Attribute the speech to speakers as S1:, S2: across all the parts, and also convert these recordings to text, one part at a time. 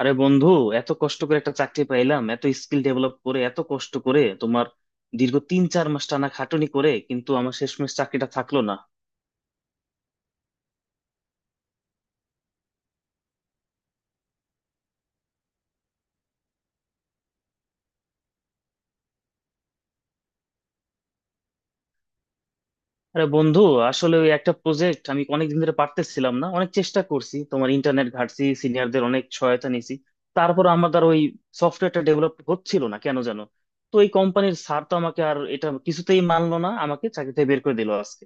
S1: আরে বন্ধু, এত কষ্ট করে একটা চাকরি পাইলাম, এত স্কিল ডেভেলপ করে এত কষ্ট করে তোমার দীর্ঘ 3 4 মাস টানা খাটুনি করে, কিন্তু আমার শেষমেশ চাকরিটা থাকলো না। আরে বন্ধু, আসলে ওই একটা প্রজেক্ট আমি অনেকদিন ধরে পারতেছিলাম না, অনেক চেষ্টা করছি, তোমার ইন্টারনেট ঘাটছি, সিনিয়রদের অনেক সহায়তা নিয়েছি, তারপর আমার দ্বারা ওই সফটওয়্যারটা ডেভেলপ হচ্ছিল না কেন জানো? তো এই কোম্পানির স্যার তো আমাকে আর এটা কিছুতেই মানলো না, আমাকে চাকরিতে বের করে দিল আজকে।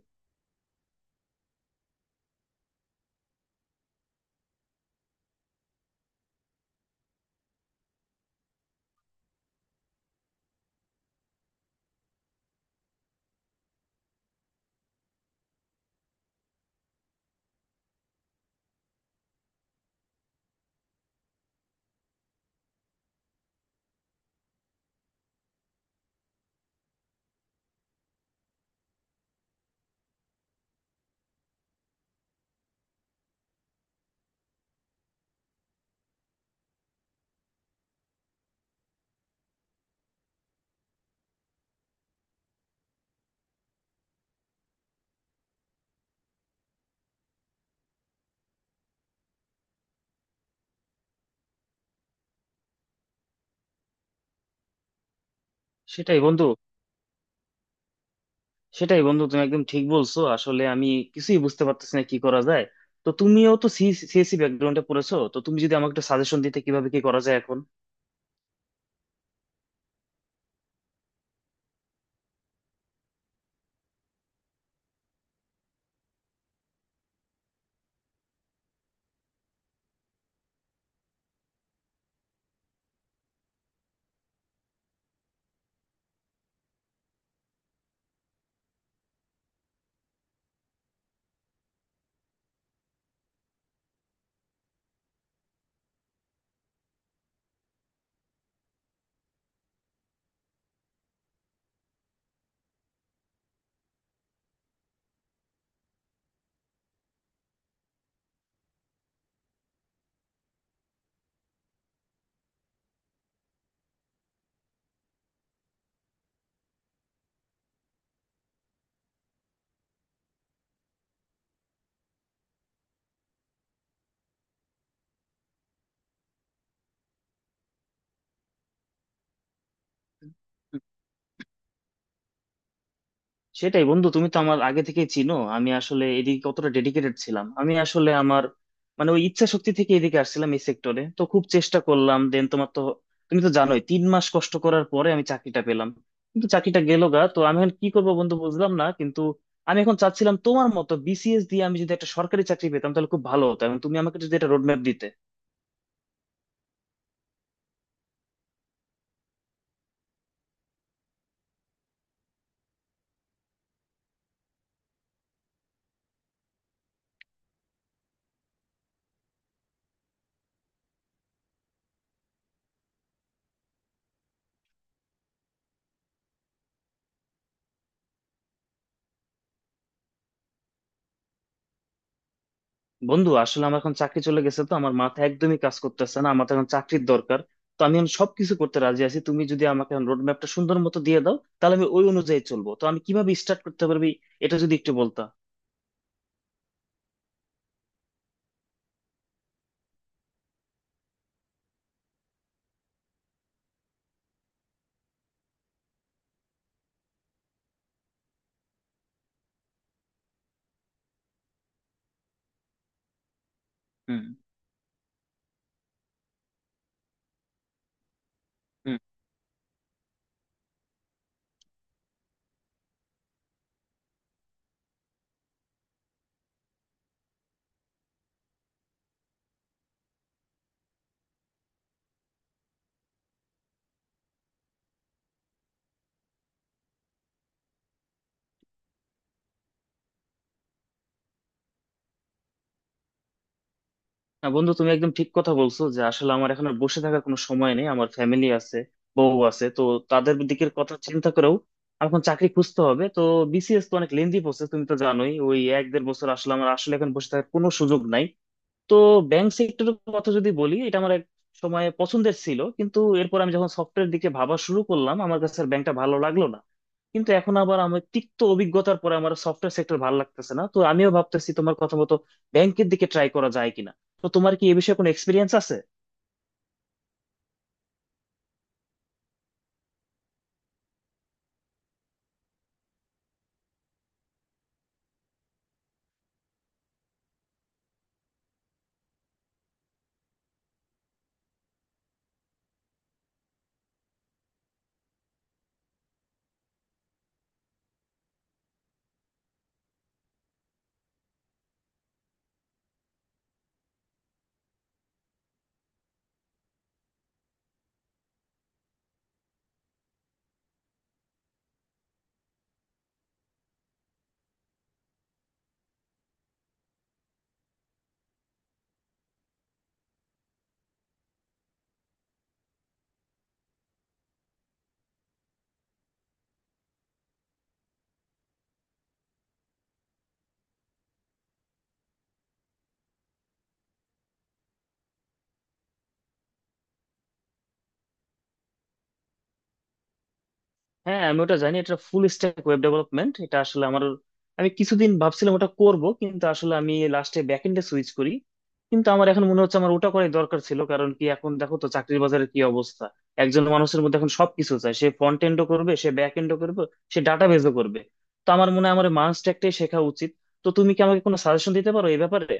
S1: সেটাই বন্ধু সেটাই বন্ধু, তুমি একদম ঠিক বলছো। আসলে আমি কিছুই বুঝতে পারতেছি না কি করা যায়। তো তুমিও তো সিএসসি ব্যাকগ্রাউন্ডে পড়েছো, তো তুমি যদি আমাকে একটু সাজেশন দিতে কিভাবে কি করা যায় এখন। সেটাই বন্ধু, তুমি তো আমার আগে থেকেই চিনো আমি আসলে এদিকে কতটা ডেডিকেটেড ছিলাম। আমি আসলে আমার মানে ওই ইচ্ছা শক্তি থেকে এদিকে আসছিলাম এই সেক্টরে, তো খুব চেষ্টা করলাম দেন তোমার তো, তুমি তো জানোই 3 মাস কষ্ট করার পরে আমি চাকরিটা পেলাম, কিন্তু চাকরিটা গেল গা। তো আমি এখন কি করবো বন্ধু বুঝলাম না, কিন্তু আমি এখন চাচ্ছিলাম তোমার মতো বিসিএস দিয়ে আমি যদি একটা সরকারি চাকরি পেতাম তাহলে খুব ভালো হতো, এবং তুমি আমাকে যদি একটা রোডম্যাপ দিতে। বন্ধু, আসলে আমার এখন চাকরি চলে গেছে, তো আমার মাথা একদমই কাজ করতেছে না, আমার তো এখন চাকরির দরকার। তো আমি এখন সবকিছু করতে রাজি আছি, তুমি যদি আমাকে এখন রোড ম্যাপটা সুন্দর মতো দিয়ে দাও তাহলে আমি ওই অনুযায়ী চলবো, তো আমি কিভাবে স্টার্ট করতে পারবি এটা যদি একটু বলতা। হুম। হুম। না বন্ধু, তুমি একদম ঠিক কথা বলছো যে আসলে আমার এখন আর বসে থাকার কোনো সময় নেই, আমার ফ্যামিলি আছে, বউ আছে, তো তাদের দিকের কথা চিন্তা করেও আমার এখন চাকরি খুঁজতে হবে। তো বিসিএস তো অনেক লেন্দি প্রসেস, তুমি তো জানোই ওই এক দেড় বছর, আসলে আমার আসলে এখন বসে থাকার কোনো সুযোগ নাই। তো ব্যাংক সেক্টরের কথা যদি বলি, এটা আমার এক সময় পছন্দের ছিল, কিন্তু এরপর আমি যখন সফটওয়্যার দিকে ভাবা শুরু করলাম আমার কাছে আর ব্যাংকটা ভালো লাগলো না। কিন্তু এখন আবার আমার তিক্ত অভিজ্ঞতার পরে আমার সফটওয়্যার সেক্টর ভালো লাগতেছে না, তো আমিও ভাবতেছি তোমার কথা মতো ব্যাংকের দিকে ট্রাই করা যায় কিনা। তো তোমার কি এ বিষয়ে কোনো এক্সপিরিয়েন্স আছে? হ্যাঁ, আমি ওটা জানি, এটা ফুল স্ট্যাক ওয়েব ডেভেলপমেন্ট। এটা আসলে আমার, আমি কিছুদিন ভাবছিলাম ওটা করব, কিন্তু আসলে আমি লাস্টে ব্যাকএন্ডে সুইচ করি। কিন্তু আমার এখন মনে হচ্ছে আমার ওটা করাই দরকার ছিল, কারণ কি এখন দেখো তো চাকরির বাজারের কি অবস্থা। একজন মানুষের মধ্যে এখন সবকিছু চায়, সে ফ্রন্ট এন্ডও করবে, সে ব্যাক এন্ডও করবে, সে ডাটাবেজও করবে। তো আমার মনে হয় আমার মাস্ট একটাই শেখা উচিত। তো তুমি কি আমাকে কোনো সাজেশন দিতে পারো এই ব্যাপারে?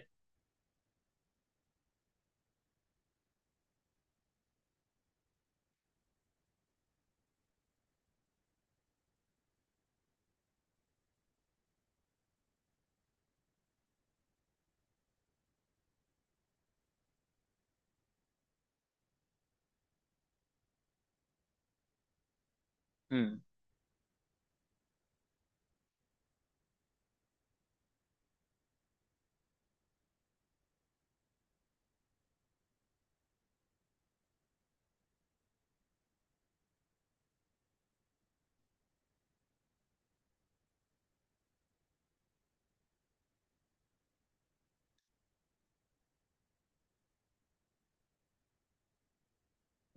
S1: হুম।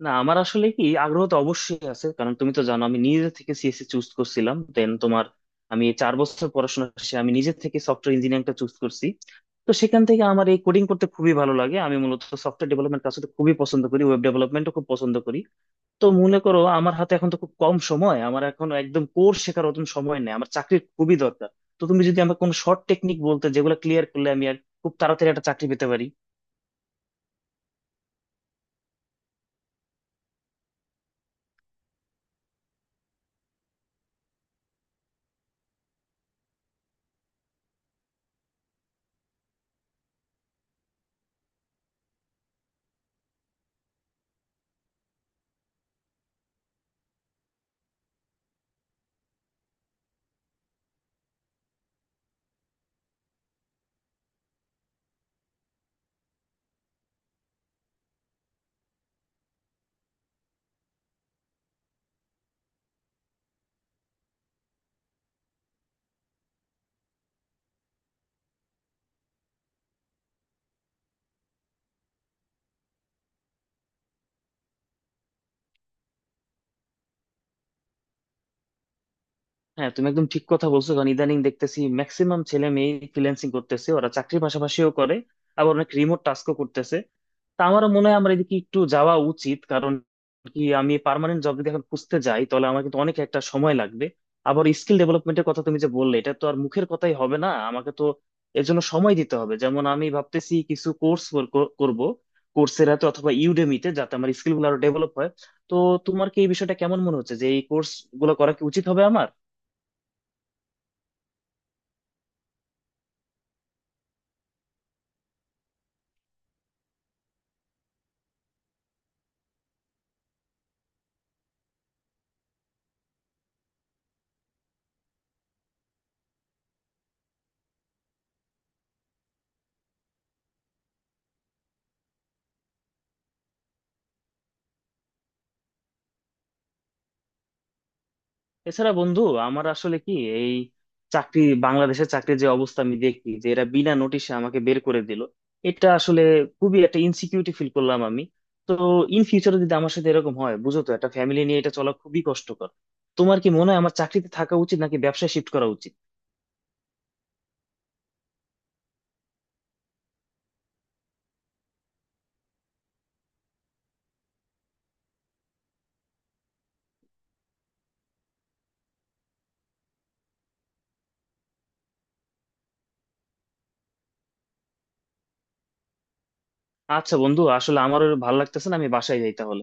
S1: না আমার আসলে কি, আগ্রহ তো অবশ্যই আছে, কারণ তুমি তো জানো আমি নিজে থেকে সিএসসি চুজ করছিলাম দেন তোমার, আমি 4 বছর পড়াশোনা শেষে আমি নিজে থেকে সফটওয়্যার ইঞ্জিনিয়ারিংটা চুজ করছি। তো সেখান থেকে আমার এই কোডিং করতে খুবই ভালো লাগে, আমি মূলত সফটওয়্যার ডেভেলপমেন্ট কাজ করতে খুবই পছন্দ করি, ওয়েব ডেভেলপমেন্টও খুব পছন্দ করি। তো মনে করো আমার হাতে এখন তো খুব কম সময়, আমার এখন একদম কোর শেখার অত সময় নেই, আমার চাকরির খুবই দরকার। তো তুমি যদি আমাকে কোনো শর্ট টেকনিক বলতে যেগুলো ক্লিয়ার করলে আমি আর খুব তাড়াতাড়ি একটা চাকরি পেতে পারি। হ্যাঁ তুমি একদম ঠিক কথা বলছো, কারণ ইদানিং দেখতেছি ম্যাক্সিমাম ছেলে মেয়ে ফ্রিল্যান্সিং করতেছে, ওরা চাকরির পাশাপাশিও করে, আবার অনেক রিমোট টাস্কও করতেছে। তা আমারও মনে হয় আমার এদিকে একটু যাওয়া উচিত, কারণ কি আমি পার্মানেন্ট জব যদি এখন খুঁজতে যাই তাহলে আমার কিন্তু অনেক একটা সময় লাগবে। আবার স্কিল ডেভেলপমেন্টের কথা তুমি যে বললে এটা তো আর মুখের কথাই হবে না, আমাকে তো এর জন্য সময় দিতে হবে। যেমন আমি ভাবতেছি কিছু কোর্স করব কোর্সেরাতে অথবা ইউডেমিতে, যাতে আমার স্কিল গুলো আরো ডেভেলপ হয়। তো তোমার কি এই বিষয়টা কেমন মনে হচ্ছে, যে এই কোর্স গুলো করা কি উচিত হবে আমার? এছাড়া বন্ধু, আমার আসলে কি, এই চাকরি, বাংলাদেশের চাকরির যে অবস্থা আমি দেখি যে এরা বিনা নোটিশে আমাকে বের করে দিল, এটা আসলে খুবই একটা ইনসিকিউরিটি ফিল করলাম আমি। তো ইন ফিউচারে যদি আমার সাথে এরকম হয়, বুঝো তো একটা ফ্যামিলি নিয়ে এটা চলা খুবই কষ্টকর। তোমার কি মনে হয় আমার চাকরিতে থাকা উচিত নাকি ব্যবসায় শিফট করা উচিত? আচ্ছা বন্ধু, আসলে আমারও ভালো লাগতেছে না, আমি বাসায় যাই তাহলে।